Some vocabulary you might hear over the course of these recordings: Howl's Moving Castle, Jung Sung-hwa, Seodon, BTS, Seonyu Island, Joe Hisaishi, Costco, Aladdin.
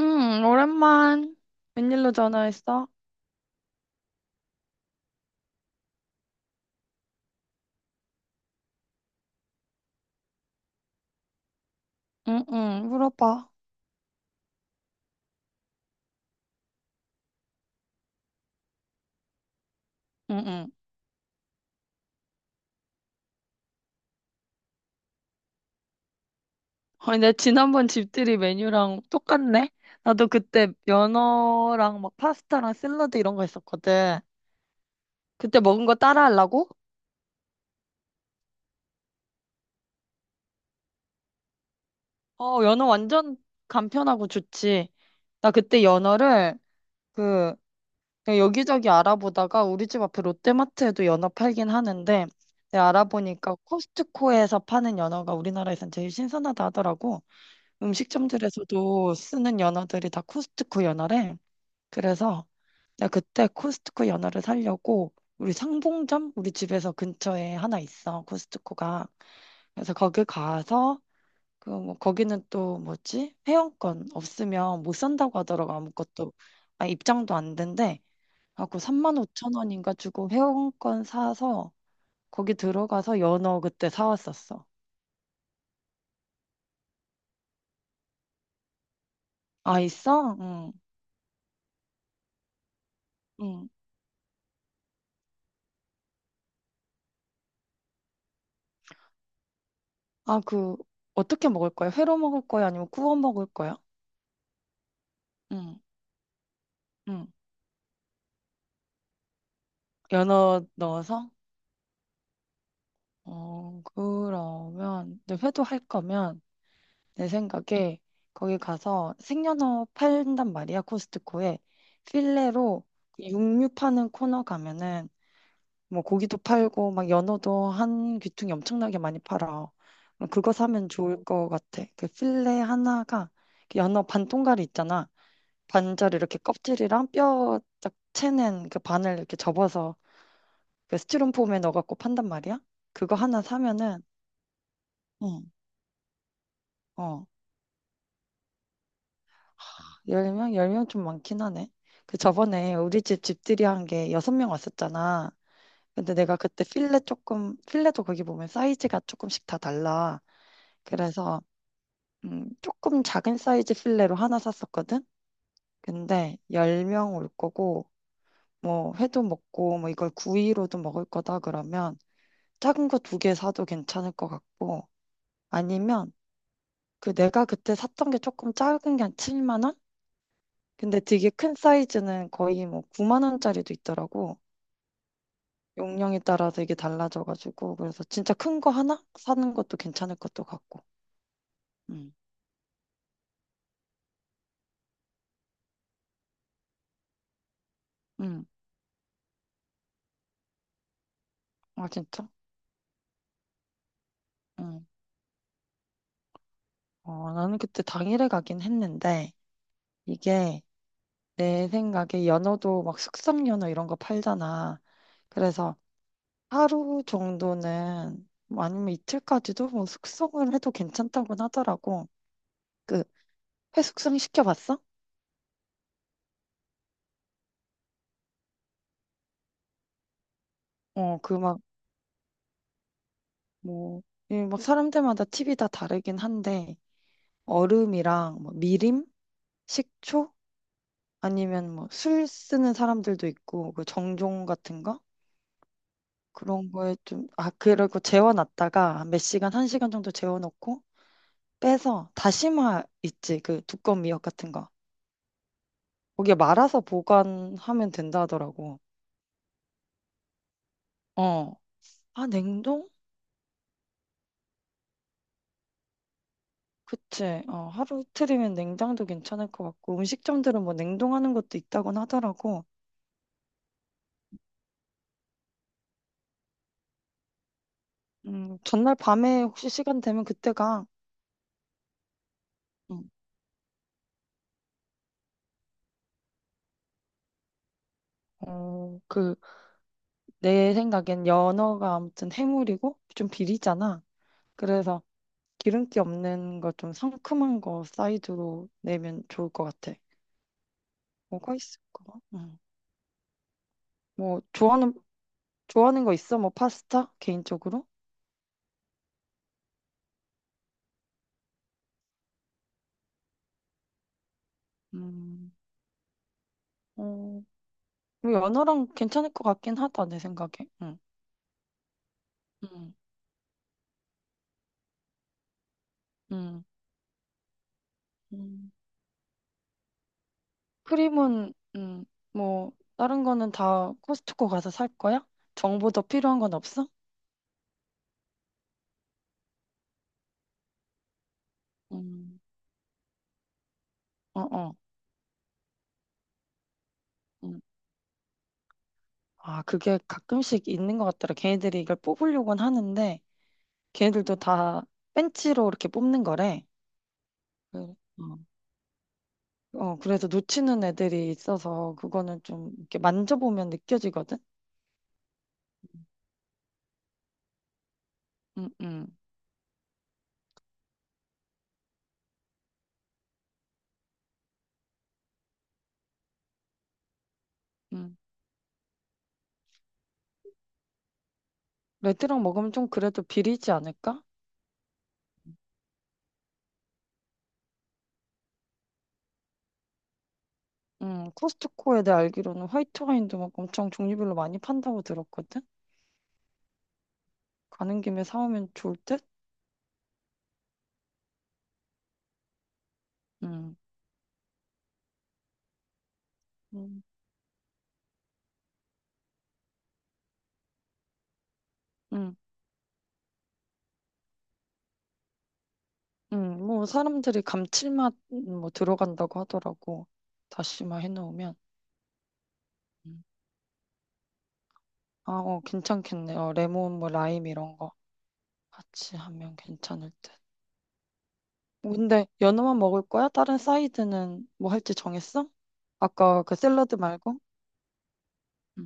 응, 오랜만. 웬일로 전화했어? 응, 응, 물어봐. 응, 응. 아니, 내 지난번 집들이 메뉴랑 똑같네? 나도 그때 연어랑 막 파스타랑 샐러드 이런 거 했었거든. 그때 먹은 거 따라 하려고? 어, 연어 완전 간편하고 좋지. 나 그때 연어를 그 그냥 여기저기 알아보다가 우리 집 앞에 롯데마트에도 연어 팔긴 하는데 내가 알아보니까 코스트코에서 파는 연어가 우리나라에선 제일 신선하다 하더라고. 음식점들에서도 쓰는 연어들이 다 코스트코 연어래. 그래서 내가 그때 코스트코 연어를 사려고 우리 상봉점 우리 집에서 근처에 하나 있어. 코스트코가. 그래서 거기 가서 그 뭐 거기는 또 뭐지? 회원권 없으면 못 산다고 하더라고 아무것도. 아 입장도 안 된대. 하고 3만 5천 원인가 주고 회원권 사서 거기 들어가서 연어 그때 사왔었어. 아 있어? 응. 응. 아, 그, 어떻게 먹을 거야? 회로 먹을 거야? 아니면 구워 먹을 거야? 응, 응. 연어 넣어서? 어, 그러면, 근데 회도 할 거면, 내 생각에, 거기 가서 생연어 팔단 말이야, 코스트코에. 필레로 육류 파는 코너 가면은, 뭐, 고기도 팔고, 막, 연어도 한 귀퉁이 엄청나게 많이 팔아. 그거 사면 좋을 것 같아. 그 필레 하나가, 그 연어 반 통갈이 있잖아. 반절 이렇게 껍질이랑 뼈 쫙 채는 그 반을 이렇게 접어서 그 스티로폼에 넣어갖고 판단 말이야? 그거 하나 사면은, 응, 어, 10명? 10명 좀 많긴 하네. 그 저번에 우리 집 집들이 한 게 6명 왔었잖아. 근데 내가 그때 필레 조금, 필레도 거기 보면 사이즈가 조금씩 다 달라. 그래서, 조금 작은 사이즈 필레로 하나 샀었거든? 근데 10명 올 거고, 뭐 회도 먹고 뭐 이걸 구이로도 먹을 거다 그러면 작은 거 두 개 사도 괜찮을 것 같고, 아니면 그 내가 그때 샀던 게 조금 작은 게 한 7만 원? 근데 되게 큰 사이즈는 거의 뭐 9만 원짜리도 있더라고. 용량에 따라 되게 달라져가지고 그래서 진짜 큰 거 하나 사는 것도 괜찮을 것도 같고. 음, 음, 아 진짜? 음. 어, 나는 그때 당일에 가긴 했는데 이게 내 생각에 연어도 막 숙성 연어 이런 거 팔잖아. 그래서 하루 정도는 뭐 아니면 이틀까지도 뭐 숙성을 해도 괜찮다고는 하더라고. 그 회숙성 시켜봤어? 어, 그 막 뭐, 이 막 사람들마다 팁이 다 다르긴 한데 얼음이랑 뭐 미림, 식초 아니면 뭐 술 쓰는 사람들도 있고 그 정종 같은 거 그런 거에 좀 아 그리고 재워놨다가 한몇 시간 한 시간 정도 재워놓고 빼서 다시마 있지 그 두꺼운 미역 같은 거 거기에 말아서 보관하면 된다 하더라고. 어. 아, 냉동? 그치. 어, 하루 이틀이면 냉장도 괜찮을 것 같고, 음식점들은 뭐 냉동하는 것도 있다곤 하더라고. 전날 밤에 혹시 시간 되면 그때가, 음, 어, 그, 내 생각엔 연어가 아무튼 해물이고, 좀 비리잖아. 그래서 기름기 없는 거 좀 상큼한 거 사이드로 내면 좋을 것 같아. 뭐가 있을까? 음. 뭐, 좋아하는 거 있어? 뭐, 파스타? 개인적으로? 음, 어, 뭐 연어랑 괜찮을 것 같긴 하다, 내 생각에. 응. 응. 응. 음. 크림은, 뭐, 다른 거는 다 코스트코 가서 살 거야? 정보 더 필요한 건 없어? 음, 어, 어. 음. 아, 그게 가끔씩 있는 것 같더라. 걔네들이 이걸 뽑으려고는 하는데, 걔네들도 다 벤치로 이렇게 뽑는 거래. 어, 어, 그래서 놓치는 애들이 있어서, 그거는 좀 이렇게 만져보면 느껴지거든? 응, 응, 응. 레드랑 먹으면 좀 그래도 비리지 않을까? 코스트코에 내가 알기로는 화이트 와인도 막 엄청 종류별로 많이 판다고 들었거든? 가는 김에 사오면 좋을 듯? 음, 음. 음, 뭐 사람들이 감칠맛 뭐 들어간다고 하더라고. 다시마 해놓으면. 음. 아, 어, 괜찮겠네. 어, 레몬, 뭐 라임 이런 거 같이 하면 괜찮을 듯. 근데 연어만 먹을 거야? 다른 사이드는 뭐 할지 정했어? 아까 그 샐러드 말고? 응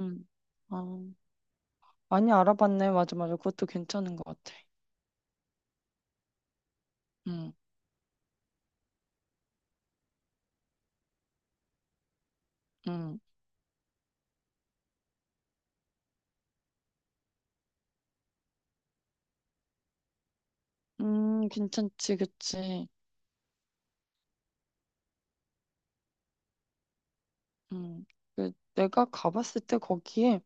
응. 아, 많이 알아봤네. 맞아, 맞아. 그것도 괜찮은 것 같아. 응. 음, 괜찮지, 그치. 음, 그 내가 가봤을 때 거기에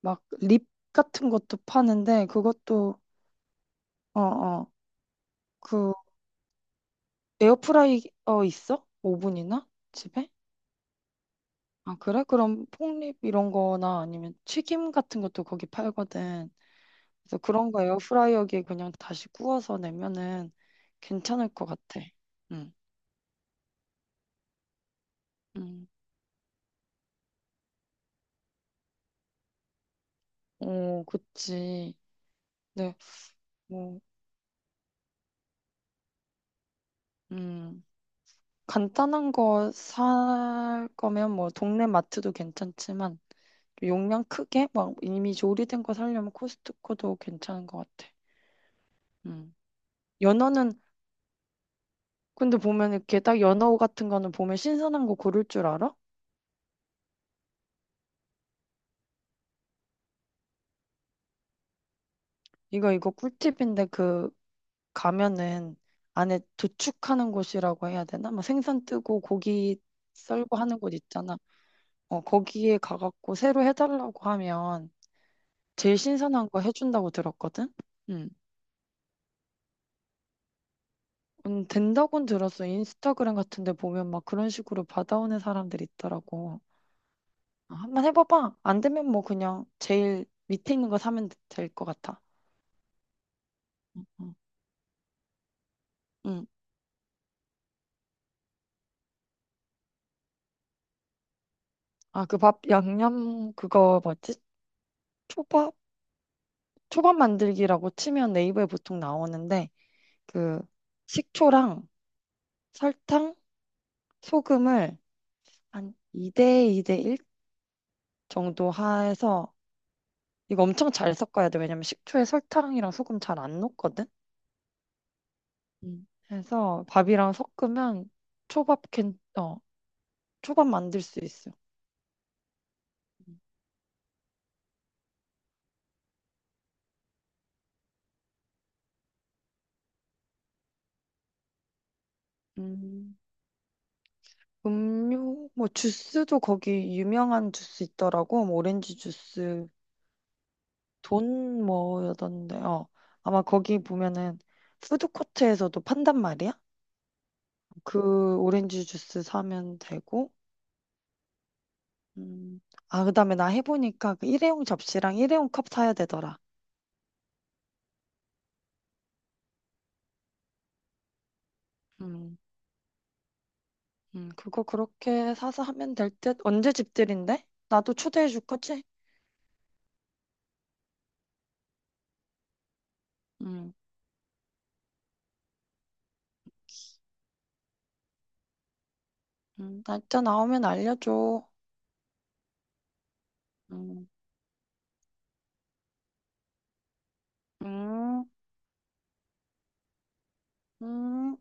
막 립 같은 것도 파는데 그것도 어, 어, 그 에어프라이어 있어? 오븐이나 집에? 아, 그래? 그럼 폭립 이런 거나 아니면 튀김 같은 것도 거기 팔거든. 그래서 그런 거 에어프라이어기에 그냥 다시 구워서 내면은 괜찮을 것 같아. 응, 음. 오, 그치. 네, 뭐, 음. 간단한 거 살 거면 뭐 동네 마트도 괜찮지만 용량 크게 막 이미 조리된 거 사려면 코스트코도 괜찮은 것 같아. 음. 연어는 근데 보면 이렇게 딱 연어 같은 거는 보면 신선한 거 고를 줄 알아? 이거 꿀팁인데 그 가면은 안에 도축하는 곳이라고 해야 되나? 막 생선 뜨고 고기 썰고 하는 곳 있잖아. 어, 거기에 가갖고 새로 해달라고 하면 제일 신선한 거 해준다고 들었거든? 음. 된다고는 들었어. 인스타그램 같은 데 보면 막 그런 식으로 받아오는 사람들이 있더라고. 아, 한번 해봐봐. 안 되면 뭐 그냥 제일 밑에 있는 거 사면 될 것 같아. 응 응. 아, 그 밥 양념 그거 뭐지? 초밥? 초밥 만들기라고 치면 네이버에 보통 나오는데 그 식초랑 설탕, 소금을 한 2대 2대 1 정도 해서 이거 엄청 잘 섞어야 돼. 왜냐면 식초에 설탕이랑 소금 잘 안 녹거든. 음. 해서 밥이랑 섞으면 초밥 캔, 어, 초밥 만들 수 있어. 음, 음료, 뭐 주스도 거기 유명한 주스 있더라고. 뭐 오렌지 주스, 돈 뭐였던데, 어. 아마 거기 보면은 푸드코트에서도 판단 말이야. 그 오렌지 주스 사면 되고. 음. 아, 그다음에 나 해보니까 그 일회용 접시랑 일회용 컵 사야 되더라. 그거 그렇게 사서 하면 될 듯. 언제 집들인데? 나도 초대해 줄 거지? 음, 날짜 나오면 알려줘. 음. 음, 음.